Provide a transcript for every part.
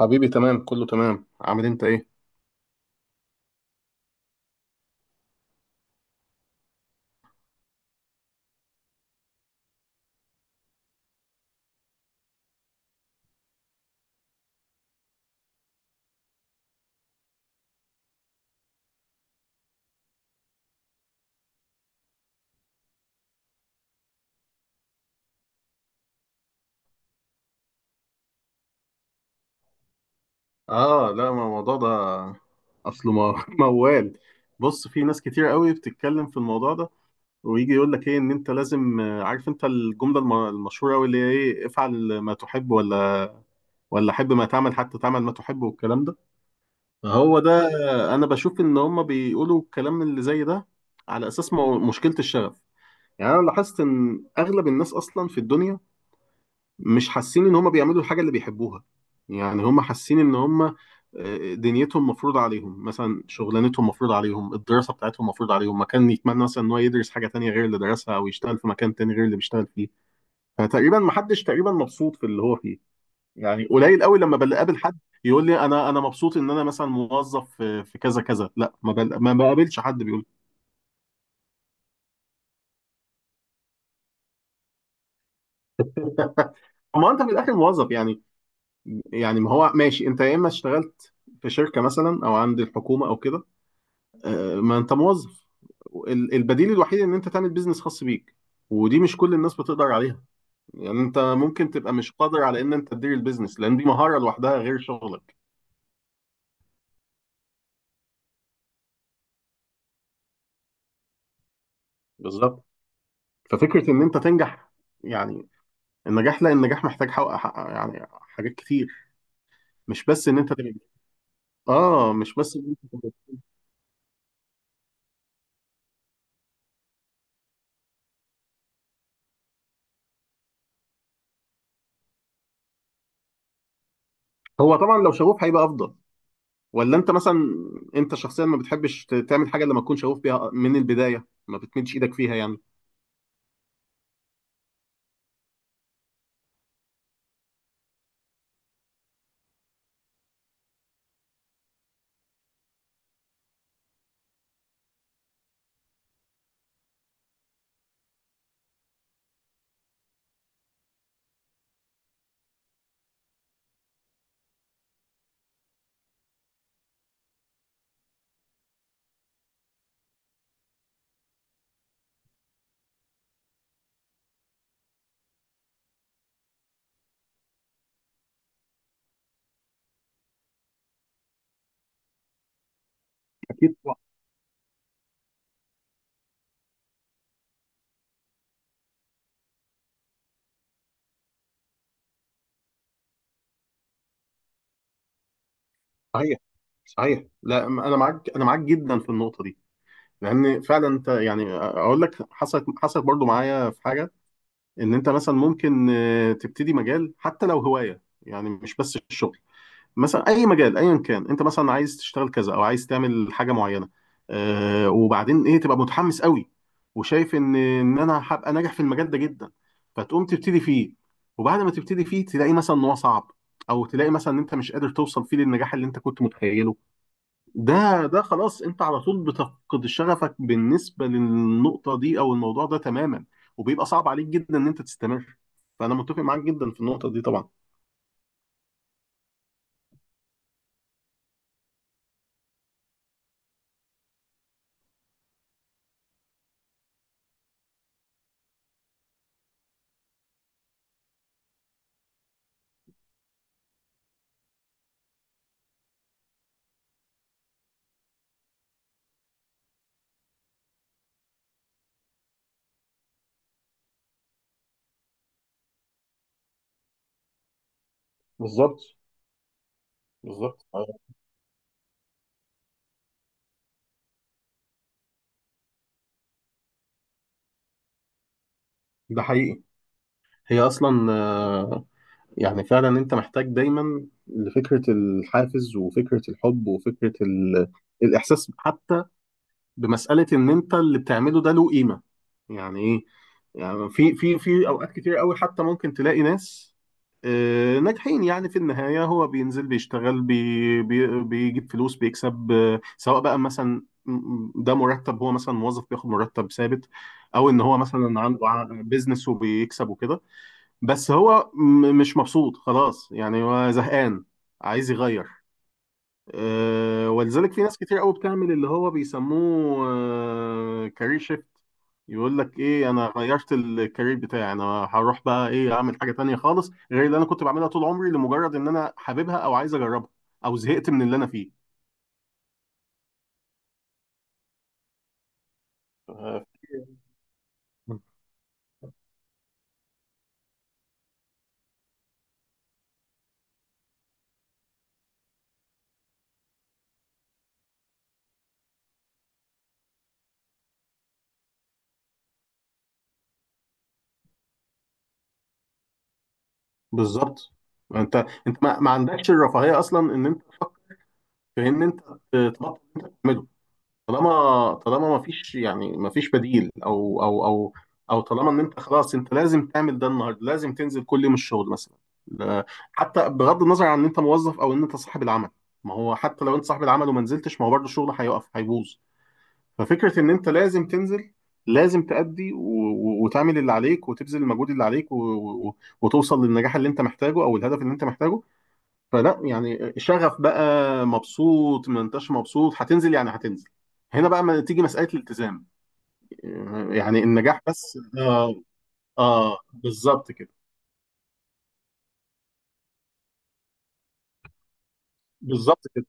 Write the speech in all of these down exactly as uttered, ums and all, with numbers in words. حبيبي، تمام، كله تمام. عامل انت ايه؟ اه، لا، ما الموضوع ده اصله ما- موال. بص، في ناس كتير قوي بتتكلم في الموضوع ده، ويجي يقول لك ايه؟ ان انت لازم، آه، عارف انت الجمله الم- المشهوره قوي اللي هي ايه. افعل ما تحب ولا ولا حب ما تعمل حتى تعمل ما تحب والكلام ده. هو ده. آه، انا بشوف ان هم بيقولوا الكلام اللي زي ده على اساس مو- مشكله الشغف. يعني انا لاحظت ان اغلب الناس اصلا في الدنيا مش حاسين ان هم بيعملوا الحاجه اللي بيحبوها. يعني هم حاسين ان هم آه، دنيتهم مفروض عليهم، مثلا شغلانتهم مفروض عليهم، الدراسه بتاعتهم مفروض عليهم، مكان يتمنى مثلا ان هو يدرس حاجه تانية غير اللي درسها، او يشتغل في مكان تاني غير اللي بيشتغل فيه. فتقريبا ما حدش تقريبا مبسوط في اللي هو فيه. يعني قليل قوي لما بقابل حد يقول لي انا انا مبسوط ان انا مثلا موظف في في كذا كذا. لا، ما بل- ما بقابلش حد بيقول. ما انت في الاخر موظف يعني. يعني ما هو ماشي، انت يا اما اشتغلت في شركه مثلا، او عند الحكومه، او كده. آه، ما انت موظف. ال- البديل الوحيد ان انت تعمل بيزنس خاص بيك، ودي مش كل الناس بتقدر عليها. يعني انت ممكن تبقى مش قادر على ان انت تدير البيزنس، لان دي مهارة لوحدها غير شغلك. بالظبط. ففكرة ان انت تنجح، يعني النجاح، لا النجاح محتاج حق حق- يعني حاجات كتير. مش بس ان انت تبقى. اه، مش بس ان انت تبقى. هو طبعا لو شغوف هيبقى افضل. ولا انت مثلا، انت شخصيا ما بتحبش ت- تعمل حاجة لما تكون شغوف بيها من البداية. ما بتمدش ايدك فيها يعني. اكيد. صحيح. صحيح، لا م- انا معاك، انا معاك جدا في النقطه دي. لان فعلا انت، يعني اقول لك، حصلت حصلت برضو معايا في حاجه. ان انت مثلا ممكن آه، تبتدي مجال، حتى لو هوايه، يعني مش بس الشغل. مثلا اي مجال ايا كان، انت مثلا عايز تشتغل كذا، او عايز تعمل حاجه معينه، آه، وبعدين ايه، تبقى متحمس قوي، وشايف ان ان انا هبقى ناجح في المجال ده جدا، فتقوم تبتدي فيه. وبعد ما تبتدي فيه تلاقي مثلا ان هو صعب، او تلاقي مثلا ان انت مش قادر توصل فيه للنجاح اللي انت كنت متخيله. ده، ده خلاص انت على طول بتفقد شغفك بالنسبة للنقطة دي او الموضوع ده تماما، وبيبقى صعب عليك جدا ان انت تستمر. فانا متفق معاك جدا في النقطة دي طبعا. بالظبط. بالظبط آه، ده حقيقي. هي اصلا آه، يعني فعلا انت محتاج دايما لفكرة الحافز، وفكرة الحب، وفكرة ال... الاحساس حتى بمساله ان انت اللي بتعمله ده له قيمه. يعني ايه؟ يعني في في في اوقات كتير قوي حتى ممكن تلاقي ناس آه، ناجحين، يعني في النهايه هو بينزل بيشتغل بي بي بيجيب فلوس بيكسب، آه، سواء بقى مثلا، ده مرتب، هو مثلا موظف بياخد مرتب ثابت، او ان هو مثلا عنده ع- بيزنس وبيكسب وكده. بس هو م- مش مبسوط، خلاص يعني، هو زهقان عايز يغير. آه، ولذلك في ناس كتير قوي بتعمل اللي هو بيسموه آه، كارير شيفت. يقول لك ايه، انا غيرت الكارير بتاعي. انا هروح بقى ايه، اعمل حاجه تانية خالص غير اللي انا كنت بعملها طول عمري، لمجرد ان انا حاببها، او عايز اجربها، او زهقت من اللي انا فيه. آه، بالظبط. انت انت ما, ما عندكش الرفاهيه اصلا ان انت تفكر في ان انت تبطل اللي انت بتعمله. طالما طالما ما فيش يعني ما فيش بديل، او او او او طالما ان انت خلاص انت لازم تعمل ده النهارده، لازم تنزل كل يوم الشغل مثلا. لا- حتى بغض النظر عن ان انت موظف او ان انت صاحب العمل. ما هو حتى لو انت صاحب العمل وما نزلتش، ما هو برضه الشغل هيقف هيبوظ. ففكره ان انت لازم تنزل، لازم تأدي و... و- وتعمل اللي عليك، وتبذل المجهود اللي عليك، و... و... وتوصل للنجاح اللي انت محتاجه او الهدف اللي انت محتاجه. فلا يعني شغف بقى، مبسوط ما انتش مبسوط، هتنزل يعني هتنزل. هنا بقى ما تيجي مسألة الالتزام. يعني النجاح بس، اه. اه، بالظبط كده. بالظبط كده.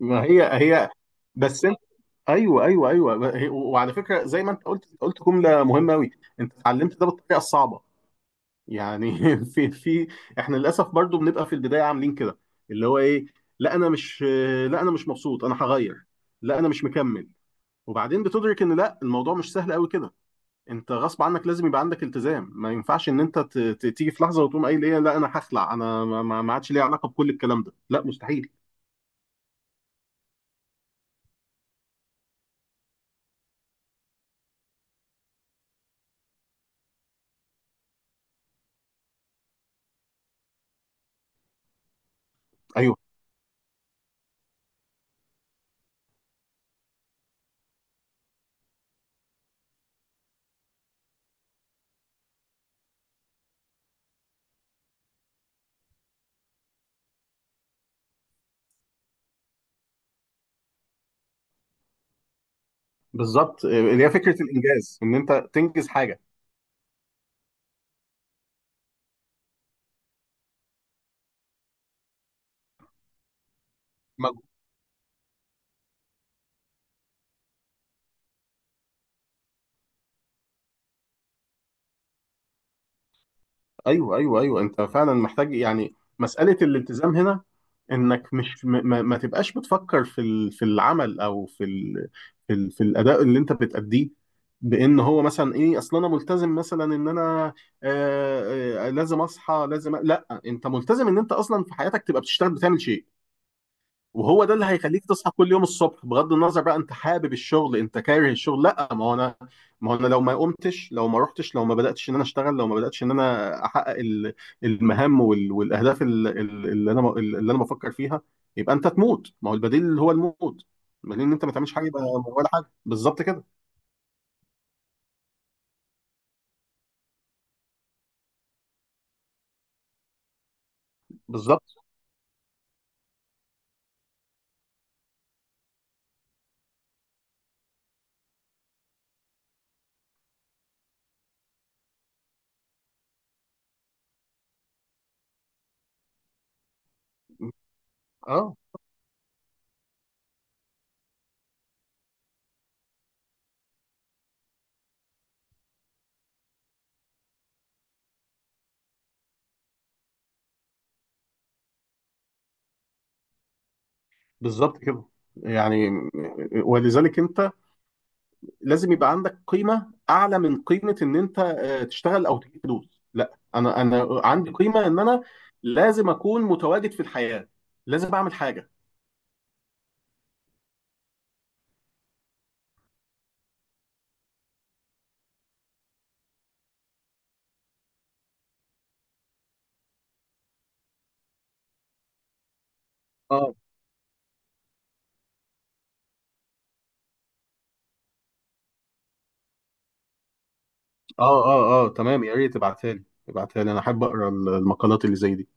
ما هي هي. بس انت، ايوه ايوه ايوه، ما هي- وعلى فكره زي ما انت قلت، قلت جمله مهمه قوي. انت اتعلمت ده بالطريقه الصعبه، يعني في في احنا للاسف برضو بنبقى في البدايه عاملين كده، اللي هو ايه، لا انا مش لا انا مش مبسوط، انا هغير، لا انا مش مكمل. وبعدين بتدرك ان لا، الموضوع مش سهل قوي كده. انت غصب عنك لازم يبقى عندك التزام. ما ينفعش ان انت ت- ت- تيجي في لحظه وتقوم قايل ايه، لا انا هخلع، انا ما ما- ما عادش ليا علاقه بكل الكلام ده، لا مستحيل. ايوه، بالظبط، اللي هي فكره الانجاز ان انت تنجز حاجه. ايوه ايوه ايوه، انت فعلا محتاج يعني مساله الالتزام هنا. انك مش م- ما, ما تبقاش بتفكر في ال- في العمل او في ال في, ال في الاداء اللي انت بتأديه، بان هو مثلا ايه، اصل انا ملتزم مثلا ان انا آه آه لازم اصحى، لازم أ- لا انت ملتزم ان انت اصلا في حياتك تبقى بتشتغل، بتعمل شيء. وهو ده اللي هيخليك تصحى كل يوم الصبح، بغض النظر بقى انت حابب الشغل انت كاره الشغل. لا، ما هو انا، ما هو انا لو ما قمتش، لو ما رحتش، لو ما بداتش ان انا اشتغل، لو ما بداتش ان انا احقق ال- المهام وال- والاهداف ال- ال- اللي انا اللي انا بفكر فيها، يبقى انت تموت، ما هو البديل اللي هو الموت. البديل ان انت ما تعملش حاجه، يبقى ولا حاجه. بالظبط كده. بالظبط. اه، بالظبط كده. يعني ولذلك انت لازم يبقى عندك قيمه اعلى من قيمه ان انت آه، تشتغل او تجيب فلوس. لا، انا انا عندي قيمه ان انا لازم اكون متواجد في الحياه، لازم اعمل حاجه. اه اه اه، اه تمام، يا ريت تبعتها لي، تبعتها لي انا احب اقرا المقالات اللي زي دي.